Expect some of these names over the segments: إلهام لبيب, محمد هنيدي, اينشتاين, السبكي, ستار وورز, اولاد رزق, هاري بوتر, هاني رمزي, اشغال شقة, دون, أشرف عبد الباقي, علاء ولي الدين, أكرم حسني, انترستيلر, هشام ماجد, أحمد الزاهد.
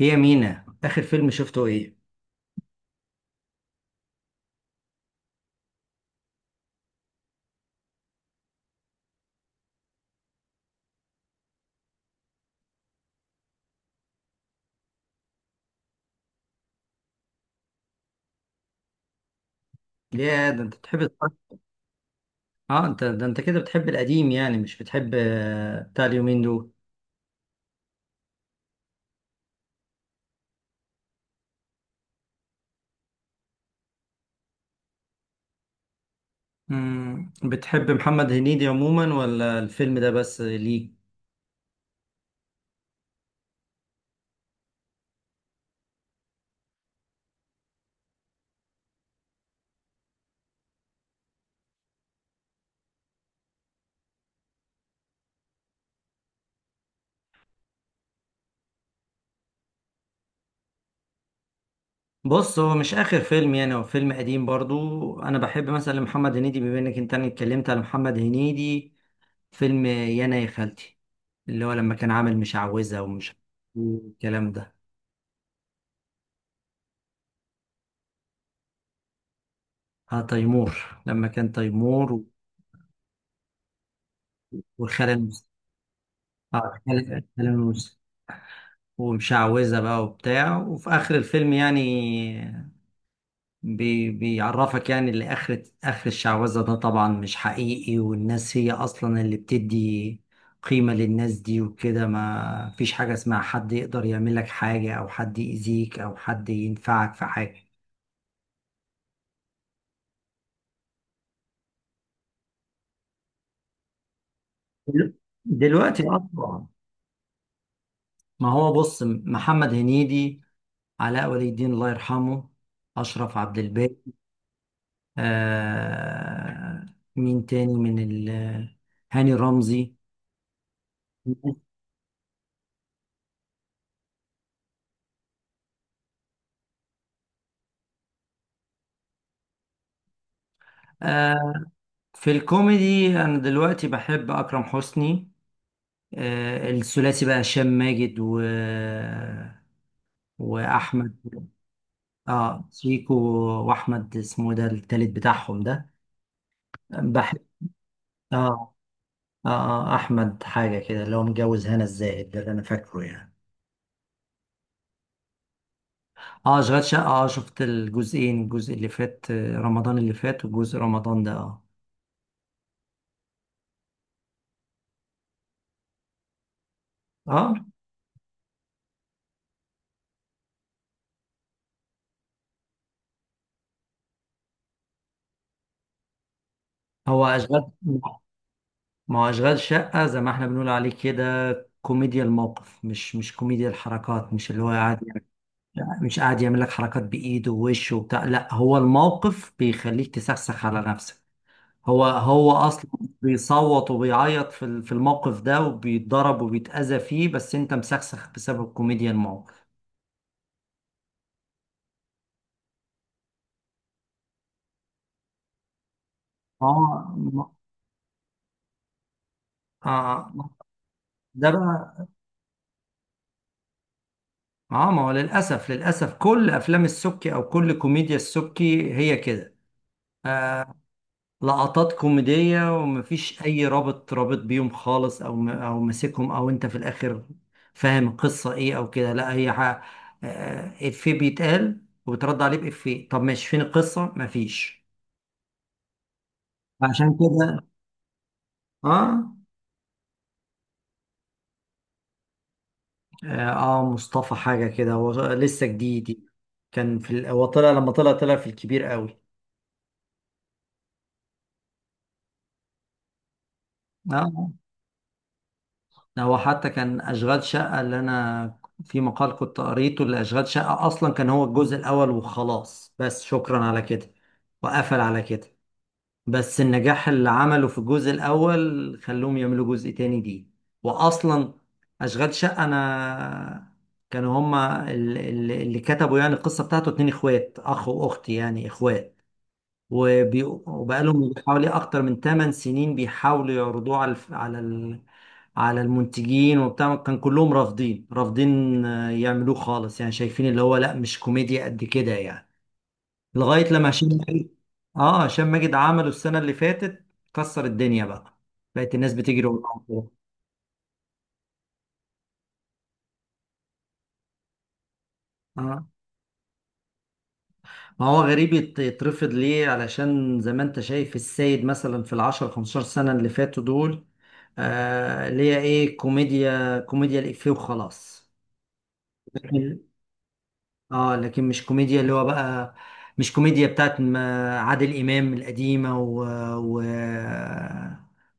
هي مينا، اخر فيلم شفته ايه؟ يا ده انت بتحب تتفرج- اه انت ده انت كده بتحب القديم، يعني مش بتحب بتاع اليومين دول. مم. بتحب محمد هنيدي عموما ولا الفيلم ده بس، ليه؟ بص، هو مش اخر فيلم، يعني هو فيلم قديم برضو. انا بحب مثلا محمد هنيدي. بما انك انت أنا اتكلمت على محمد هنيدي، فيلم يانا يا خالتي، اللي هو لما كان عامل مشعوذة ومش الكلام ده. اه تيمور لما كان تيمور. والخالة المس- اه الخالة المس- ومشعوذة بقى وبتاع. وفي آخر الفيلم يعني بيعرفك، يعني اللي آخر الشعوذة ده طبعا مش حقيقي، والناس هي أصلا اللي بتدي قيمة للناس دي وكده. ما فيش حاجة اسمها حد يقدر يعمل لك حاجة، أو حد يأذيك، أو حد ينفعك في حاجة. دلوقتي أصلا. ما هو بص، محمد هنيدي، علاء ولي الدين الله يرحمه، أشرف عبد الباقي، آه مين تاني من ال... هاني رمزي. آه في الكوميدي، أنا دلوقتي بحب أكرم حسني. الثلاثي بقى، هشام ماجد و... وأحمد. اه شيكو. وأحمد اسمه ده التالت بتاعهم ده. بحب. اه أحمد حاجة كده، اللي هو متجوز هنا الزاهد، ده اللي أنا فاكره يعني. اه، أشغال شقة. اه شفت الجزئين، الجزء اللي فات رمضان اللي فات وجزء رمضان ده. اه اه. هو اشغال. ما هو اشغال شقه زي ما احنا بنقول عليه كده، كوميديا الموقف، مش كوميديا الحركات، مش اللي هو قاعد يعمل- مش قاعد يعمل لك حركات بايده ووشه وبتاع، لا هو الموقف بيخليك تسخسخ على نفسك. هو اصلا بيصوت وبيعيط في الموقف ده، وبيتضرب وبيتاذى فيه، بس انت مسخسخ بسبب كوميديا الموقف. اه ما- اه ما- ده بقى. اه ما هو للاسف، للاسف كل افلام السبكي او كل كوميديا السبكي هي كده. آه، لقطات كوميدية، ومفيش أي رابط بيهم خالص، أو م- أو ماسكهم، أو أنت في الآخر فاهم القصة إيه أو كده. لا هي ح- إفيه بيتقال وبترد عليه بإفيه، طب ماشي فين القصة؟ مفيش. عشان كده. آه آه مصطفى حاجة كده، هو لسه جديد يعني. كان في ال- هو طلع لما طلع في الكبير قوي. آه هو حتى كان اشغال شقه، اللي انا في مقال كنت قريته لاشغال شقه اصلا كان هو الجزء الاول وخلاص، بس شكرا على كده وقفل على كده. بس النجاح اللي عمله في الجزء الاول خلوهم يعملوا جزء تاني دي. واصلا اشغال شقه، انا كانوا هما اللي كتبوا يعني القصه بتاعته اتنين اخوات، اخ واخت يعني اخوات. وبي... وبقالهم حوالي اكتر من 8 سنين بيحاولوا يعرضوه على الف... على ال... على المنتجين وبتاع. كان كلهم رافضين، رافضين يعملوه خالص يعني، شايفين اللي هو لا مش كوميديا قد كده يعني. لغاية لما هشام ماجد، هشام ماجد عمله السنة اللي فاتت، كسر الدنيا بقى، بقت الناس بتجري وراه. ما هو غريب يت- يترفض ليه؟ علشان زي ما انت شايف السيد مثلا في العشر خمستاشر سنة اللي فاتوا دول اللي هي ايه، كوميديا، كوميديا الإفيه وخلاص. لكن، اه لكن مش كوميديا اللي هو بقى، مش كوميديا بتاعت ما- عادل إمام القديمة و, و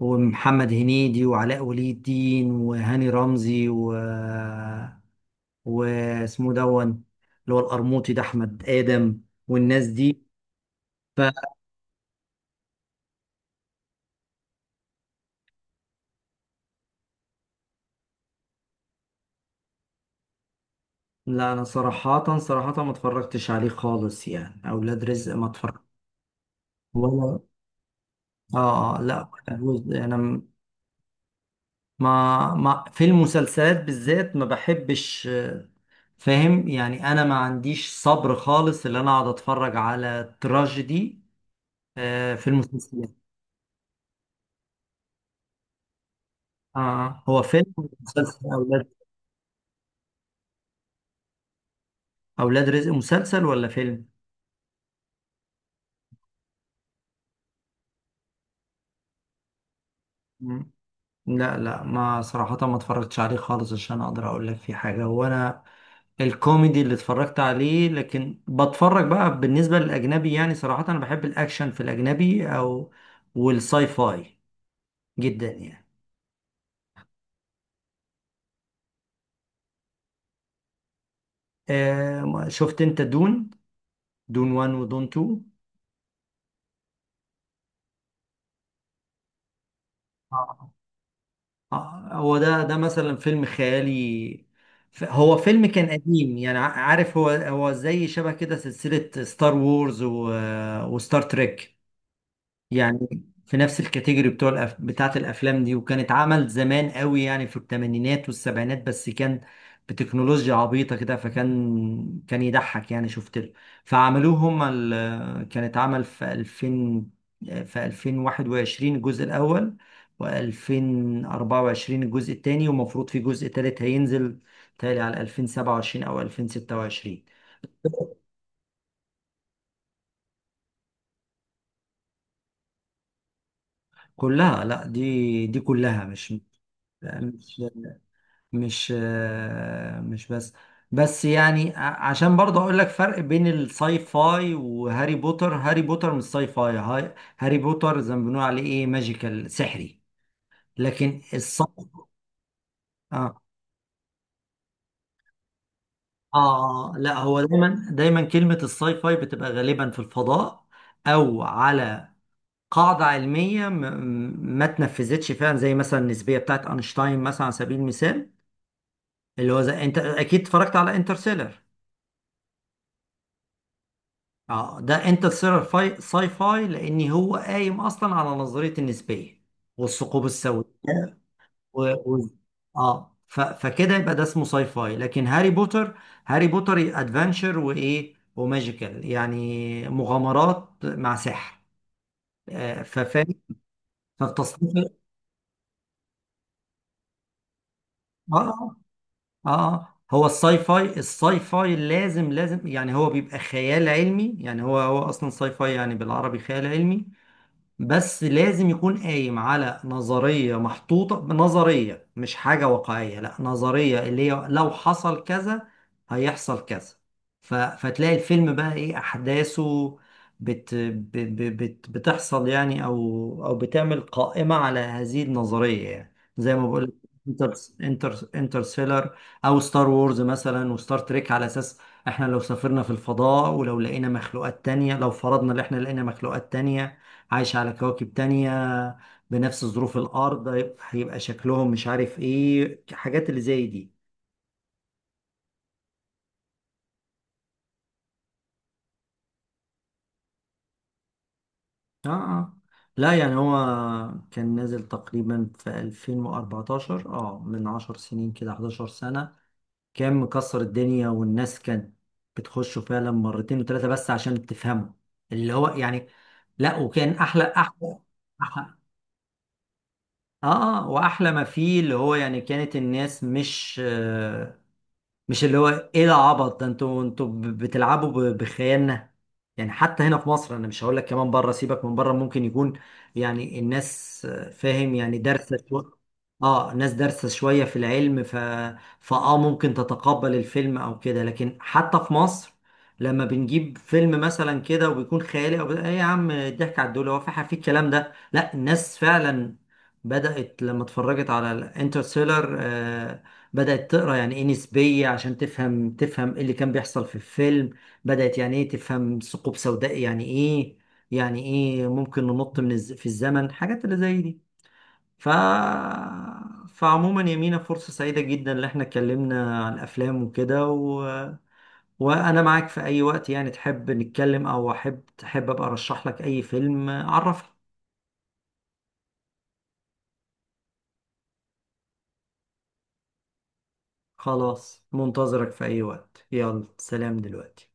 ومحمد هنيدي وعلاء ولي الدين وهاني رمزي و... واسمه دون، اللي هو القرموطي ده أحمد آدم، والناس دي. لا انا صراحة صراحة ما اتفرجتش عليه خالص يعني، اولاد رزق ما اتفرج. ولا لا ولا جزء، انا م- ما في المسلسلات بالذات ما بحبش، فاهم يعني، انا ما عنديش صبر خالص اللي انا اقعد اتفرج على تراجيدي في المسلسلات. هو فيلم ولا مسلسل اولاد؟ اولاد رزق مسلسل ولا فيلم؟ مم. لا لا، ما صراحة ما اتفرجتش عليه خالص عشان اقدر اقول لك في حاجة، وانا الكوميدي اللي اتفرجت عليه، لكن بتفرج بقى. بالنسبة للأجنبي يعني صراحة أنا بحب الأكشن في الأجنبي أو والساي فاي جدا يعني. شفت أنت دون؟ دون 1 ودون 2. آه. هو ده مثلا فيلم خيالي. ف- هو فيلم كان قديم يعني، ع- عارف، هو زي شبه كده سلسلة ستار وورز و... وستار تريك يعني، في نفس الكاتيجوري بتوع الأف... بتاعت الافلام دي. وكانت عمل زمان قوي يعني في الثمانينات والسبعينات، بس كان بتكنولوجيا عبيطة كده، فكان كان يضحك يعني شفت له. فعملوه هما ال... كانت عمل في 2000، في 2021 الجزء الاول، و2024 الجزء الثاني، ومفروض في جزء ثالث هينزل تالي على 2027 او 2026. كلها. لا، دي كلها مش مش بس. بس يعني ع- عشان برضه اقول لك فرق بين الساي فاي وهاري بوتر، هاري بوتر مش ساي فاي. هاي- هاري بوتر زي ما بنقول عليه ايه، ماجيكال، سحري. لكن الساي، اه اه لا هو دايما، دايما كلمة الساي فاي بتبقى غالبا في الفضاء، او على قاعدة علمية ما تنفذتش فعلا، زي مثلا النسبية بتاعت اينشتاين مثلا على سبيل المثال، اللي هو زي انت اكيد اتفرجت على انترستيلر. اه ده انترستيلر فاي، ساي فاي، لان هو قايم اصلا على نظريه النسبيه والثقوب السوداء. و... و... اه ف... فكده يبقى ده اسمه ساي فاي. لكن هاري بوتر، هاري بوتر ادفنشر وايه، وماجيكال يعني مغامرات مع سحر. ففاهم، فالتصنيف. اه اه هو الساي فاي، الساي فاي لازم، لازم يعني هو بيبقى خيال علمي يعني، هو اصلا ساي فاي يعني بالعربي خيال علمي. بس لازم يكون قايم على نظرية محطوطة، نظرية مش حاجة واقعية، لا نظرية اللي هي لو حصل كذا هيحصل كذا. ف... فتلاقي الفيلم بقى ايه أحداثه، بت... ب... ب... بت... بتحصل يعني، أو أو بتعمل قائمة على هذه النظرية يعني، زي ما بقول، انتر، انترستيلر او ستار وورز مثلا وستار تريك، على اساس احنا لو سافرنا في الفضاء ولو لقينا مخلوقات تانية، لو فرضنا ان احنا لقينا مخلوقات تانية عايش على كواكب تانية بنفس ظروف الأرض، هيبقى شكلهم مش عارف إيه، حاجات اللي زي دي. آه آه لا يعني هو كان نازل تقريبا في 2014، اه من 10 سنين كده، 11 سنة. كان مكسر الدنيا والناس كانت بتخشه فعلا مرتين وثلاثة بس عشان تفهمه، اللي هو يعني. لا، وكان أحلى، أحلى، أحلى وأحلى ما فيه اللي هو يعني كانت الناس مش، مش اللي هو ايه ده عبط ده، انتوا ب- بتلعبوا ب- بخيالنا يعني. حتى هنا في مصر انا مش هقول لك، كمان بره سيبك من بره، ممكن يكون يعني الناس فاهم يعني دارسه شويه. اه الناس دارسه شويه في العلم، ف فاه ممكن تتقبل الفيلم او كده. لكن حتى في مصر لما بنجيب فيلم مثلا كده، وبيكون خيالي او ايه، يا عم الضحك على الدول، هو في حاجه في الكلام ده؟ لا، الناس فعلا بدأت لما اتفرجت على الانترستيلر بدأت تقرا يعني ايه نسبية عشان تفهم، تفهم ايه اللي كان بيحصل في الفيلم، بدأت يعني ايه تفهم ثقوب سوداء يعني ايه، يعني ايه ممكن ننط من الز... في الزمن، حاجات اللي زي دي. ف فعموما يا مينا، فرصة سعيدة جدا اللي احنا اتكلمنا عن افلام وكده و... وانا معاك في اي وقت يعني، تحب نتكلم او احب تحب ابقى ارشح لك اي فيلم عرفني. خلاص منتظرك في اي وقت، يلا سلام دلوقتي.